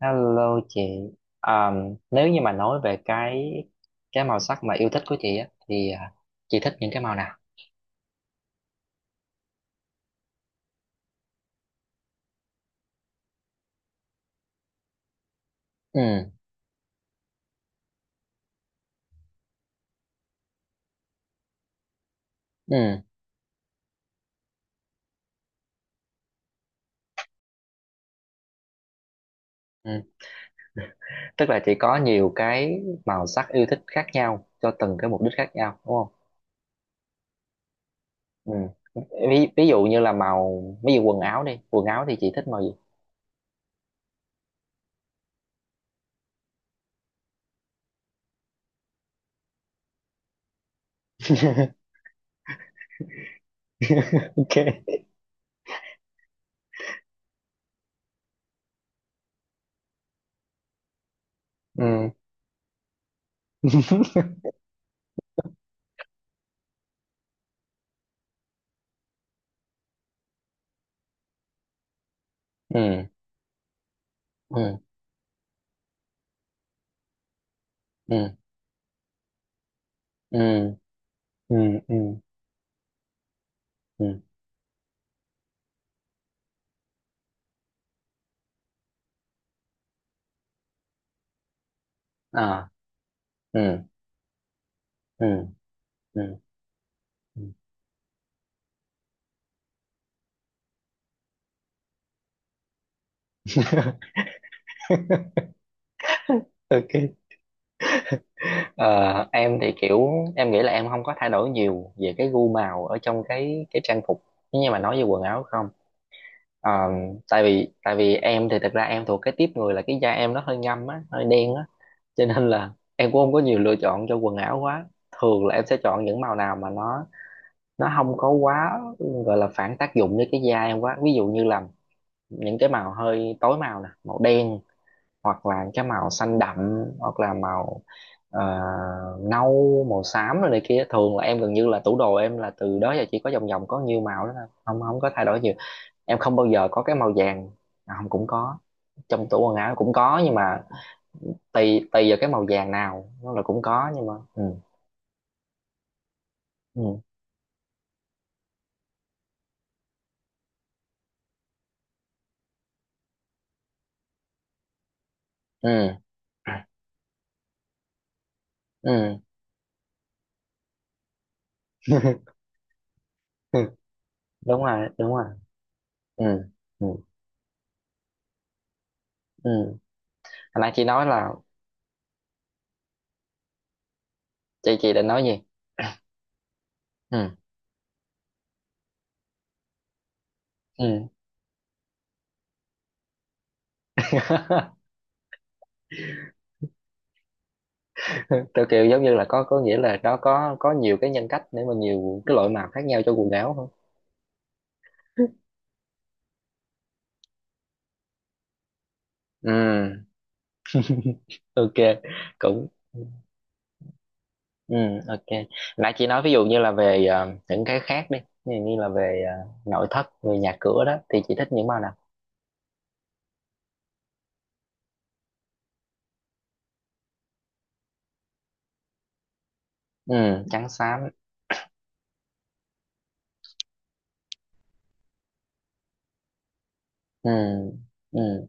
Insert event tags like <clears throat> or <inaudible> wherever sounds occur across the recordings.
Hello chị. À, nếu như mà nói về cái màu sắc mà yêu thích của chị á thì chị thích những cái màu nào? Ừ. Ừ. Ừ. Tức là chị có nhiều cái màu sắc yêu thích khác nhau cho từng cái mục đích khác nhau, đúng không? Ừ. Ví dụ như là màu, ví dụ quần áo đi, quần áo thì chị thích màu gì? <laughs> Ok. Ừ. <laughs> Ừ. Ừ. Ừ. Ừ. Ừ. Ừ. Ừ. À. Ừ. Ừ. Ừ. <laughs> Ok. Ờ, em thì kiểu em nghĩ là em không có thay đổi nhiều về cái gu màu ở trong cái trang phục, nhưng mà nói về quần áo không. Ờ, tại vì em thì thật ra em thuộc cái tiếp người là cái da em nó hơi ngâm á, hơi đen á, cho nên là em cũng không có nhiều lựa chọn cho quần áo quá. Thường là em sẽ chọn những màu nào mà nó không có quá gọi là phản tác dụng với cái da em quá, ví dụ như là những cái màu hơi tối màu nè, màu đen, hoặc là cái màu xanh đậm, hoặc là màu ờ, nâu, màu xám rồi này kia. Thường là em gần như là tủ đồ em là từ đó giờ chỉ có vòng vòng có nhiêu màu đó thôi, không không có thay đổi nhiều. Em không bao giờ có cái màu vàng. À, không, cũng có, trong tủ quần áo cũng có, nhưng mà tùy tùy vào cái màu vàng nào, nó là cũng có, nhưng mà ừ. Ừ. Ừ. Ừ. <laughs> Ừ. Đúng rồi, đúng rồi. Ừ. Ừ. Ừ. Hồi nãy chị nói là, chị định nói gì? Ừ. Ừ. <laughs> <laughs> Theo kiểu giống như là có nghĩa là nó có nhiều cái nhân cách để mà nhiều cái loại màu khác nhau cho quần áo không? Ừ. Ok. Cũng, ừ. Ok. Nãy chị nói ví dụ như là về những cái khác đi, ví dụ như là về nội thất, về nhà cửa đó thì chị thích những màu nào? Ừ. Trắng xám. Ừ. Ừ.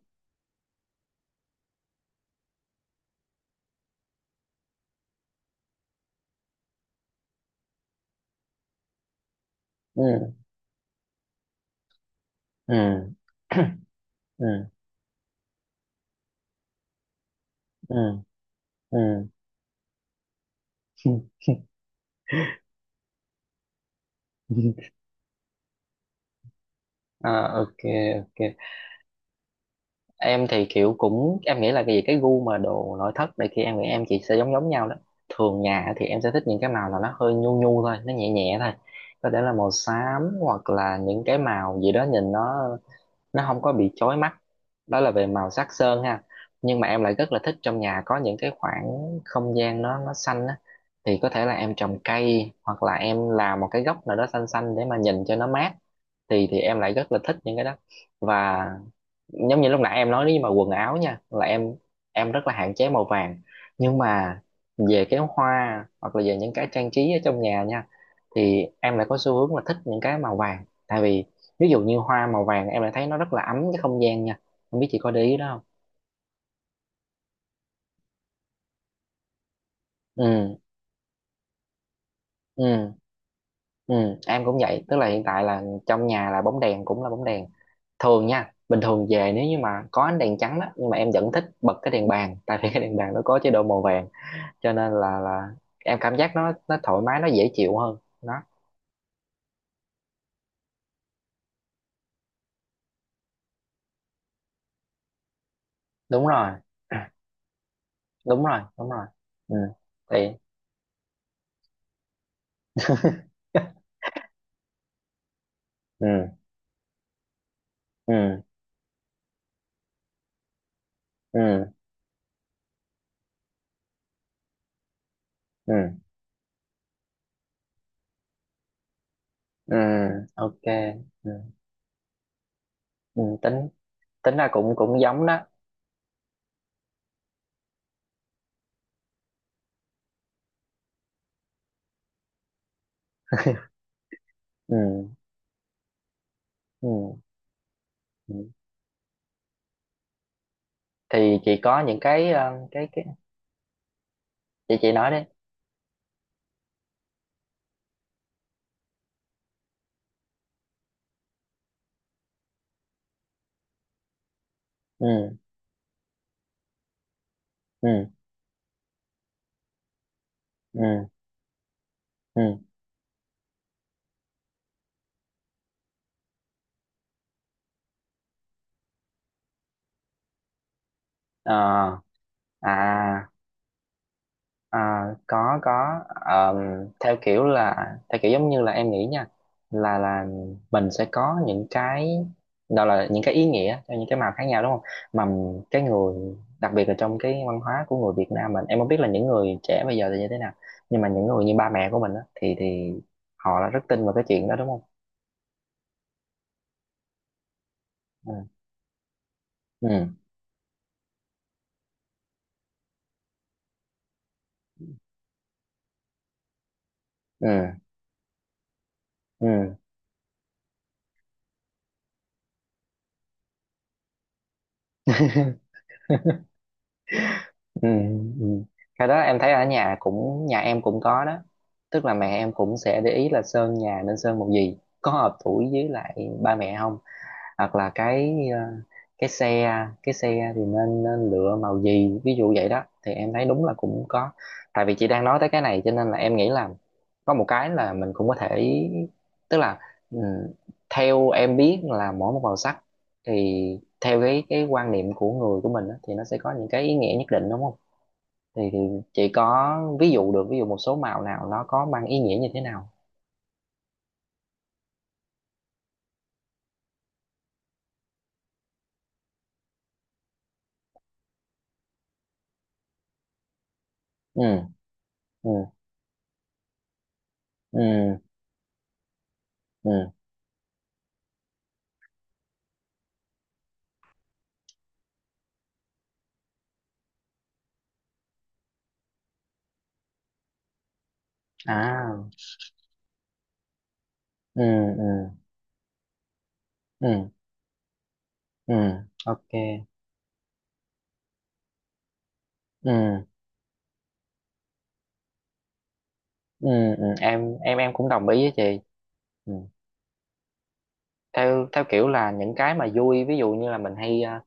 Ừ. Ừ. <coughs> Ừ. Ừ. Ừ. <laughs> <coughs> Ờ. Ok. Ok. Em thì kiểu cũng, em nghĩ là cái gì cái gu mà đồ nội thất này kia em nghĩ em chị sẽ giống giống nhau đó. Thường nhà thì em sẽ thích những cái màu là nó hơi nhu nhu thôi, nó nhẹ nhẹ thôi. Có thể là màu xám hoặc là những cái màu gì đó nhìn nó không có bị chói mắt. Đó là về màu sắc sơn ha. Nhưng mà em lại rất là thích trong nhà có những cái khoảng không gian nó xanh á, thì có thể là em trồng cây hoặc là em làm một cái góc nào đó xanh xanh để mà nhìn cho nó mát, thì em lại rất là thích những cái đó. Và giống như lúc nãy em nói, nếu như mà quần áo nha là em rất là hạn chế màu vàng, nhưng mà về cái hoa hoặc là về những cái trang trí ở trong nhà nha thì em lại có xu hướng là thích những cái màu vàng, tại vì ví dụ như hoa màu vàng em lại thấy nó rất là ấm cái không gian nha, không biết chị có để ý đó không. Ừ. Ừ. Ừ. Em cũng vậy, tức là hiện tại là trong nhà là bóng đèn cũng là bóng đèn thường nha, bình thường về, nếu như mà có ánh đèn trắng đó nhưng mà em vẫn thích bật cái đèn bàn tại vì cái đèn bàn nó có chế độ màu vàng, cho nên là em cảm giác nó thoải mái, nó dễ chịu hơn đó. Đúng rồi. <clears throat> Đúng rồi, đúng rồi. Ừ. Thì <laughs> ừ. Ừ. Ừ. Ừ. Ừ. Ok. Ừ. Ừ. tính tính ra cũng cũng giống đó. Ừ. Ừ. Ừ. Thì chị có những cái ờ, cái chị nói đi. Ừ. Ừ. Ừ. Ừ. Ờ. À. À, có, có. Theo kiểu là theo kiểu giống như là em nghĩ nha, là mình sẽ có những cái đó là những cái ý nghĩa cho những cái màu khác nhau đúng không? Mà cái người, đặc biệt là trong cái văn hóa của người Việt Nam mình, em không biết là những người trẻ bây giờ thì như thế nào, nhưng mà những người như ba mẹ của mình á, thì họ là rất tin vào cái chuyện đó đúng không? Ừ. Ừ. Ừ. Ừ. Ừ. Ừ. Cái đó em thấy ở nhà cũng, nhà em cũng có đó. Tức là mẹ em cũng sẽ để ý là sơn nhà nên sơn màu gì, có hợp tuổi với lại ba mẹ không, hoặc là cái xe cái xe thì nên lựa màu gì ví dụ vậy đó, thì em thấy đúng là cũng có. Tại vì chị đang nói tới cái này cho nên là em nghĩ là có một cái là mình cũng có thể, tức là ừ, theo em biết là mỗi một màu sắc thì theo cái quan niệm của người của mình á, thì nó sẽ có những cái ý nghĩa nhất định đúng không? Thì chị có ví dụ được, ví dụ một số màu nào nó có mang ý nghĩa như thế nào. Ừ. Ừ. Ừ. Ừ. À. Ừ. Ừ. Ừ. Ừ. Ok. Ừ. Ừ. Ừ. Em cũng đồng ý với chị. Ừ. theo theo kiểu là những cái mà vui, ví dụ như là mình hay à,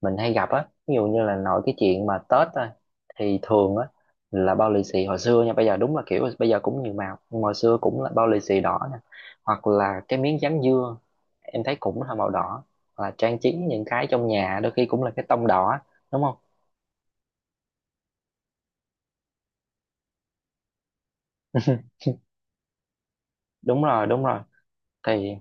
mình hay gặp á, ví dụ như là nội cái chuyện mà Tết á, thì thường á là bao lì xì hồi xưa nha, bây giờ đúng là kiểu bây giờ cũng nhiều màu, nhưng mà hồi xưa cũng là bao lì xì đỏ nè, hoặc là cái miếng dán dưa em thấy cũng là màu đỏ, hoặc là trang trí những cái trong nhà đôi khi cũng là cái tông đỏ đúng không? <laughs> Đúng rồi, đúng rồi. Thì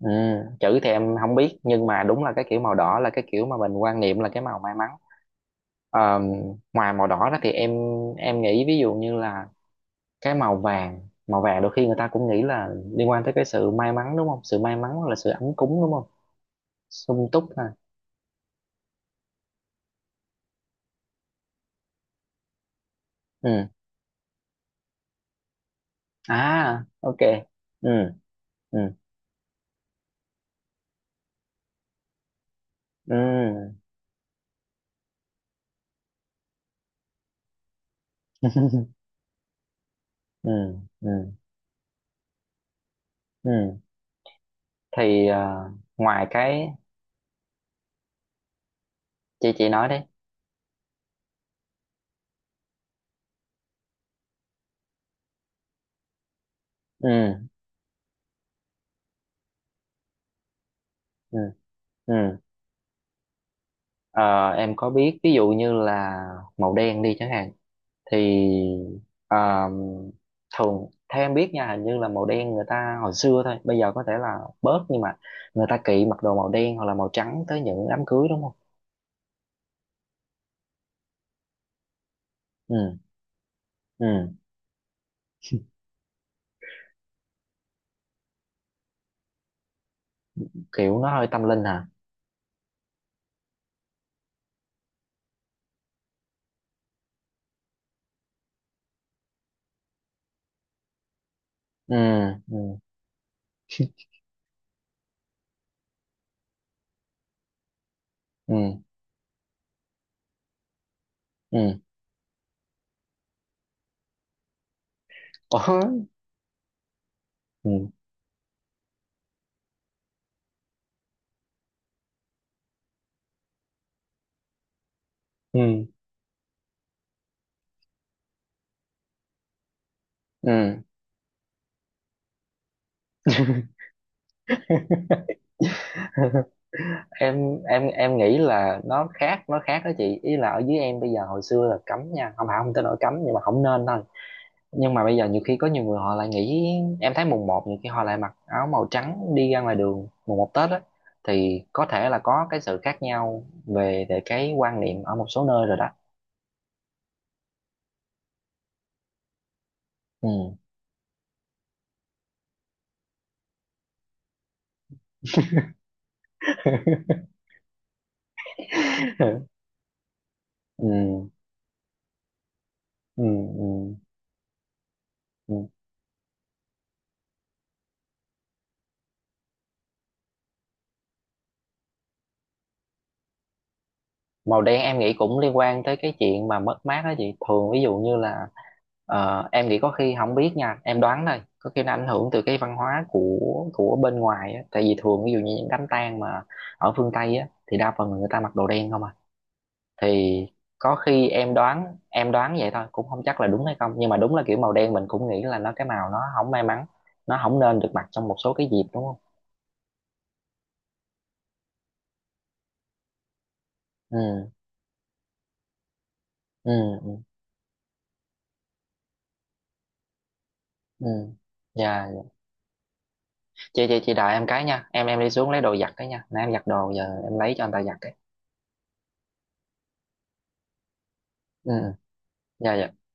ừ, chữ thì em không biết nhưng mà đúng là cái kiểu màu đỏ là cái kiểu mà mình quan niệm là cái màu may mắn. Ờ, ngoài màu đỏ đó thì em nghĩ ví dụ như là cái màu vàng, màu vàng đôi khi người ta cũng nghĩ là liên quan tới cái sự may mắn đúng không? Sự may mắn là sự ấm cúng đúng không? Sung túc ha. Ừ. À. Ok. Ừ. Ừ. Ừ. Ừ. Ừ. Ừ. Thì ngoài cái, chị nói đấy. Ừ. Ừ. Ừ. Ờ, em có biết ví dụ như là màu đen đi chẳng hạn, thì à, thường theo em biết nha, hình như là màu đen người ta hồi xưa thôi bây giờ có thể là bớt, nhưng mà người ta kỵ mặc đồ màu đen hoặc là màu trắng tới những đám cưới đúng không? Ừ. Ừ. Kiểu nó hơi tâm linh hả. Ừ. Ừ. Ừ. Ừ. Ủa? Ừ. Ừ. Ừ. <laughs> Em nghĩ là nó khác, nó khác đó chị, ý là ở dưới em bây giờ hồi xưa là cấm nha, không phải không tới nỗi cấm nhưng mà không nên thôi, nhưng mà bây giờ nhiều khi có nhiều người họ lại nghĩ, em thấy mùng một nhiều khi họ lại mặc áo màu trắng đi ra ngoài đường mùng một Tết á, thì có thể là có cái sự khác nhau về về cái quan niệm ở một số nơi rồi đó. Ừ. <laughs> Ừ. Ừ. Ừ. Ừ. Màu đen em nghĩ cũng liên quan tới cái chuyện mà mất mát đó chị, thường ví dụ như là em nghĩ có khi, không biết nha em đoán thôi, có khi nó ảnh hưởng từ cái văn hóa của bên ngoài á, tại vì thường ví dụ như những đám tang mà ở phương Tây á thì đa phần là người ta mặc đồ đen không à, thì có khi em đoán vậy thôi cũng không chắc là đúng hay không, nhưng mà đúng là kiểu màu đen mình cũng nghĩ là nó cái màu nó không may mắn, nó không nên được mặc trong một số cái dịp đúng không? Ừ. Ừ. Ừ. Ừ. Dạ, chị đợi em cái nha, em đi xuống lấy đồ giặt cái nha, nãy em giặt đồ giờ em lấy cho anh ta giặt cái. Ừ. Ừ. Dạ, dạ.